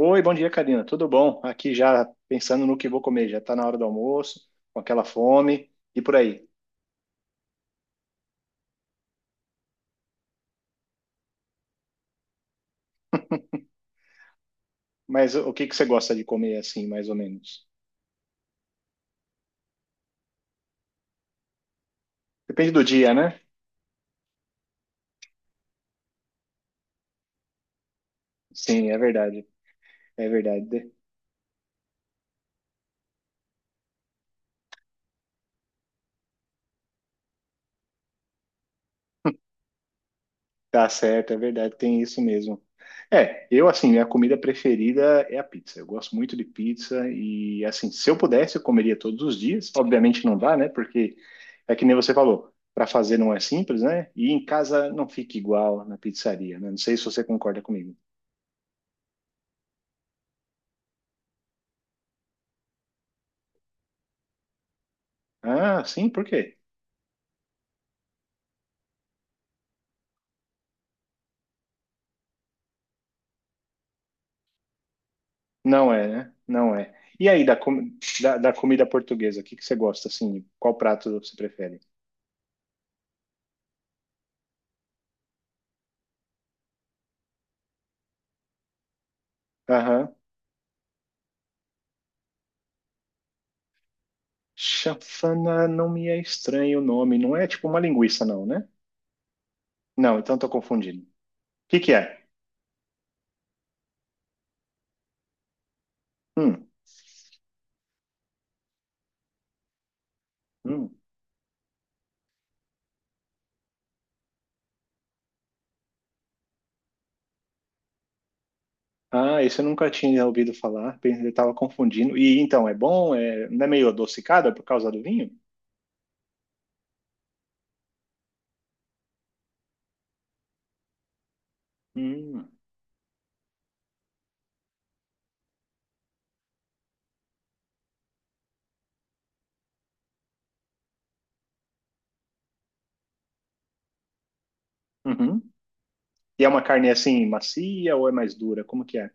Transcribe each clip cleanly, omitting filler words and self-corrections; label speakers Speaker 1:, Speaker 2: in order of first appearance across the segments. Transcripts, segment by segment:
Speaker 1: Oi, bom dia, Karina. Tudo bom? Aqui já pensando no que vou comer. Já está na hora do almoço, com aquela fome e por aí. Mas o que que você gosta de comer assim, mais ou menos? Depende do dia, né? Sim, é verdade. É verdade. Tá certo, é verdade, tem isso mesmo. É, eu assim, minha comida preferida é a pizza. Eu gosto muito de pizza e assim, se eu pudesse, eu comeria todos os dias. Obviamente não dá, né? Porque é que nem você falou, para fazer não é simples, né? E em casa não fica igual na pizzaria, né? Não sei se você concorda comigo. Ah, sim, por quê? Não é, né? Não é. E aí, da comida portuguesa, o que que você gosta assim? Qual prato você prefere? Chafana não me é estranho o nome. Não é tipo uma linguiça, não, né? Não, então tô confundindo. O que que é? Hum, hum. Ah, esse eu nunca tinha ouvido falar. Eu tava confundindo. E então, é bom? É, não é meio adocicada por causa do vinho? Hum, uhum. E é uma carne assim, macia ou é mais dura? Como que é?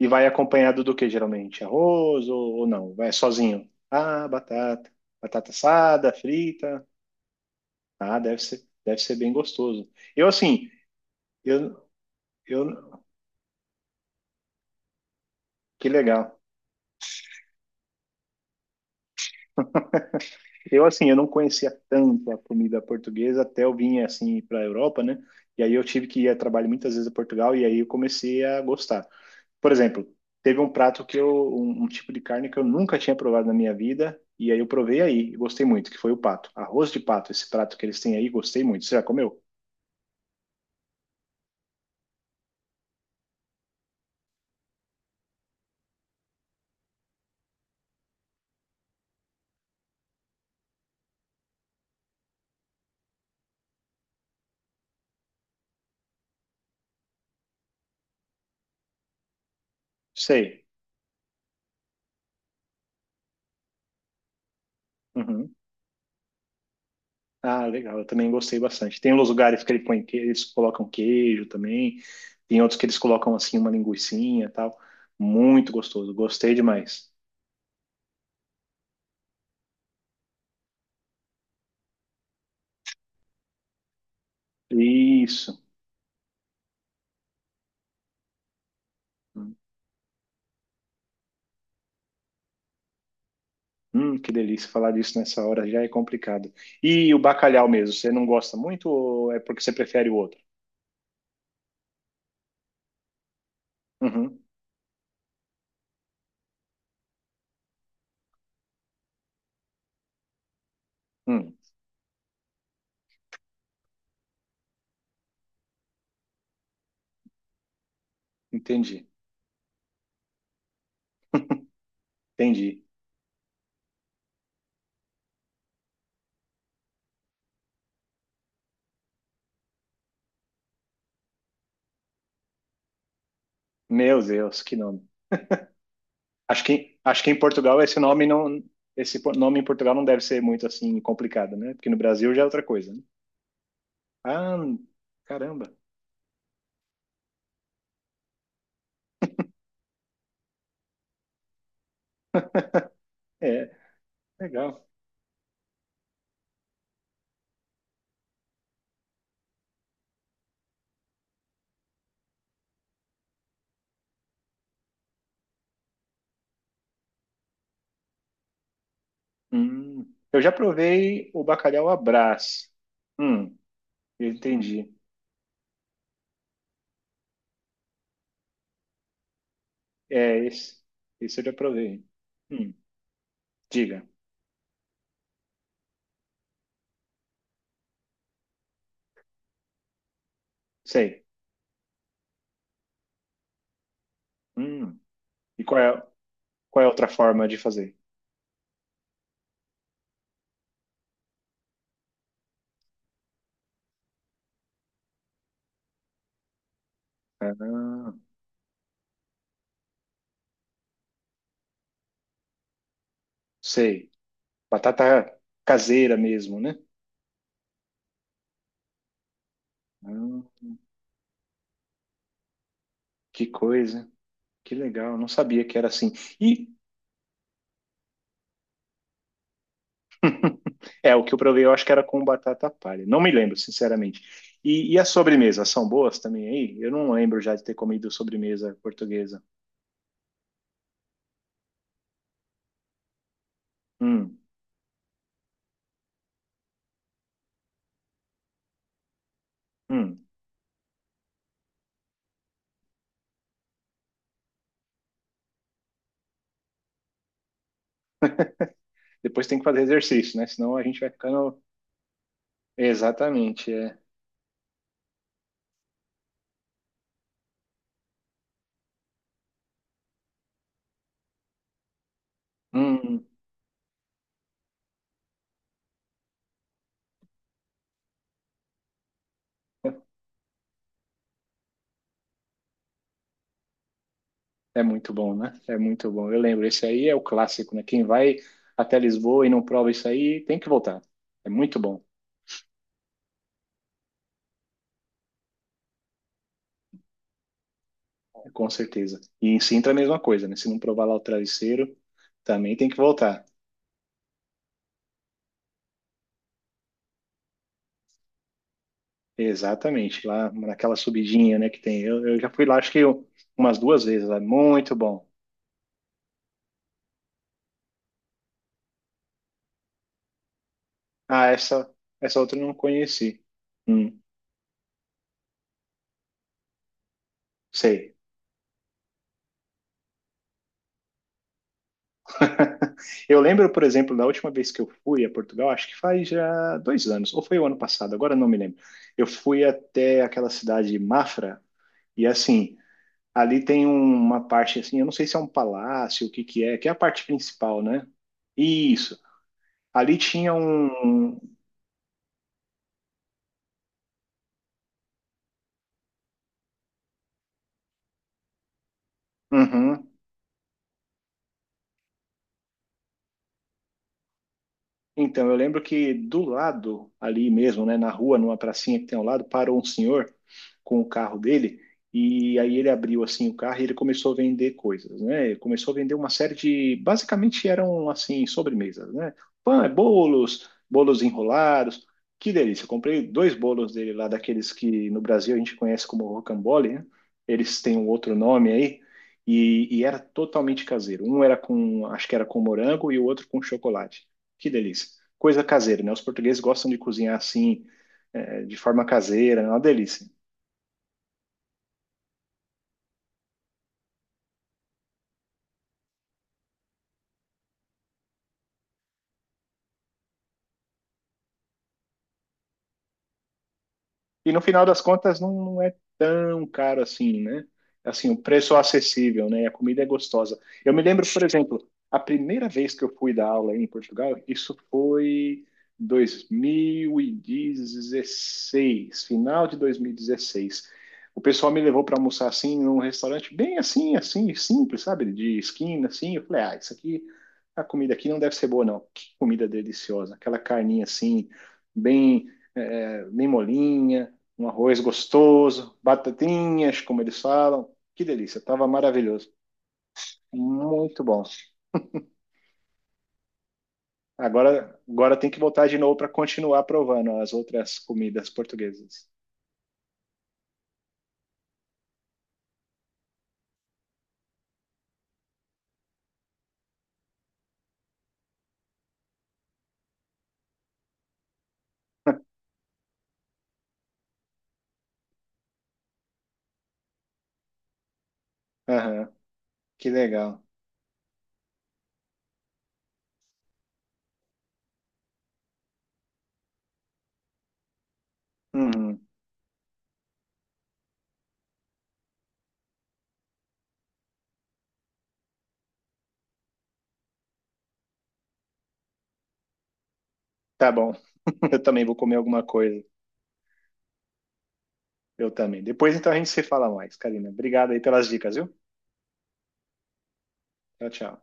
Speaker 1: E vai acompanhado do que geralmente? Arroz ou não? Vai sozinho? Ah, batata. Batata assada, frita. Ah, deve ser bem gostoso. Eu assim, eu, eu Que legal. Eu, assim, eu não conhecia tanto a comida portuguesa até eu vim, assim, para a Europa, né? E aí eu tive que ir a trabalho muitas vezes a Portugal e aí eu comecei a gostar. Por exemplo, teve um prato que eu, um tipo de carne que eu nunca tinha provado na minha vida e aí eu provei aí e gostei muito, que foi o pato. Arroz de pato, esse prato que eles têm aí, gostei muito. Você já comeu? Sei. Uhum. Ah, legal, eu também gostei bastante. Tem uns lugares que eles colocam queijo também, tem outros que eles colocam assim uma linguicinha e tal. Muito gostoso, gostei demais. Isso. Que delícia falar disso nessa hora já é complicado. E o bacalhau mesmo, você não gosta muito ou é porque você prefere o outro? Uhum, hum, entendi, entendi. Meu Deus, que nome. Acho que em Portugal esse nome não, nome em Portugal não deve ser muito assim complicado, né? Porque no Brasil já é outra coisa, né? Ah, caramba. É, legal. Hum. Eu já provei o bacalhau à Brás. Hum, eu entendi. É, esse eu já provei. Hum, diga. Sei. Hum. E qual é a outra forma de fazer? Ah, sei. Batata caseira mesmo, né? Ah, que coisa. Que legal. Não sabia que era assim. E é, o que eu provei, eu acho que era com batata palha. Não me lembro, sinceramente. E as sobremesas são boas também aí? Eu não lembro já de ter comido sobremesa portuguesa. Hum, hum. Depois tem que fazer exercício, né? Senão a gente vai ficando. Exatamente, é. Hum, é muito bom, né? É muito bom. Eu lembro, esse aí é o clássico, né? Quem vai até Lisboa e não prova isso aí, tem que voltar. É muito bom, com certeza. E em Sintra é a mesma coisa, né? Se não provar lá o travesseiro, também tem que voltar. Exatamente, lá naquela subidinha, né, que tem. Eu já fui lá, acho que eu- umas duas vezes, lá. Muito bom. Ah, essa outra eu não conheci. Hum, sei. Eu lembro, por exemplo, da última vez que eu fui a Portugal, acho que faz já dois anos, ou foi o ano passado, agora eu não me lembro. Eu fui até aquela cidade de Mafra, e assim, ali tem um, uma parte assim, eu não sei se é um palácio, o que que é a parte principal, né? Isso. Ali tinha um. Uhum. Então, eu lembro que do lado, ali mesmo, né, na rua, numa pracinha que tem ao lado, parou um senhor com o carro dele. E aí ele abriu assim o carro e ele começou a vender coisas, né? Ele começou a vender uma série de, basicamente eram assim sobremesas, né? Pão, é bolos, bolos enrolados. Que delícia! Eu comprei dois bolos dele lá daqueles que no Brasil a gente conhece como rocambole, né? Eles têm um outro nome aí e era totalmente caseiro. Um era com, acho que era com morango e o outro com chocolate. Que delícia! Coisa caseira, né? Os portugueses gostam de cozinhar assim, eh, de forma caseira, é uma delícia. E no final das contas não, não é tão caro assim, né? Assim, o preço é acessível, né? A comida é gostosa. Eu me lembro, por exemplo, a primeira vez que eu fui dar aula em Portugal, isso foi 2016, final de 2016. O pessoal me levou para almoçar assim num restaurante bem assim, assim, simples, sabe? De esquina assim. Eu falei: "Ah, isso aqui, a comida aqui não deve ser boa não. Que comida deliciosa, aquela carninha assim, bem bem molinha, um arroz gostoso, batatinhas, como eles falam. Que delícia, tava maravilhoso. Muito bom. Agora, agora tem que voltar de novo para continuar provando as outras comidas portuguesas. Aham, que legal. Uhum, tá bom. Eu também vou comer alguma coisa. Eu também. Depois então a gente se fala mais, Karina. Obrigado aí pelas dicas, viu? Tchau, tchau.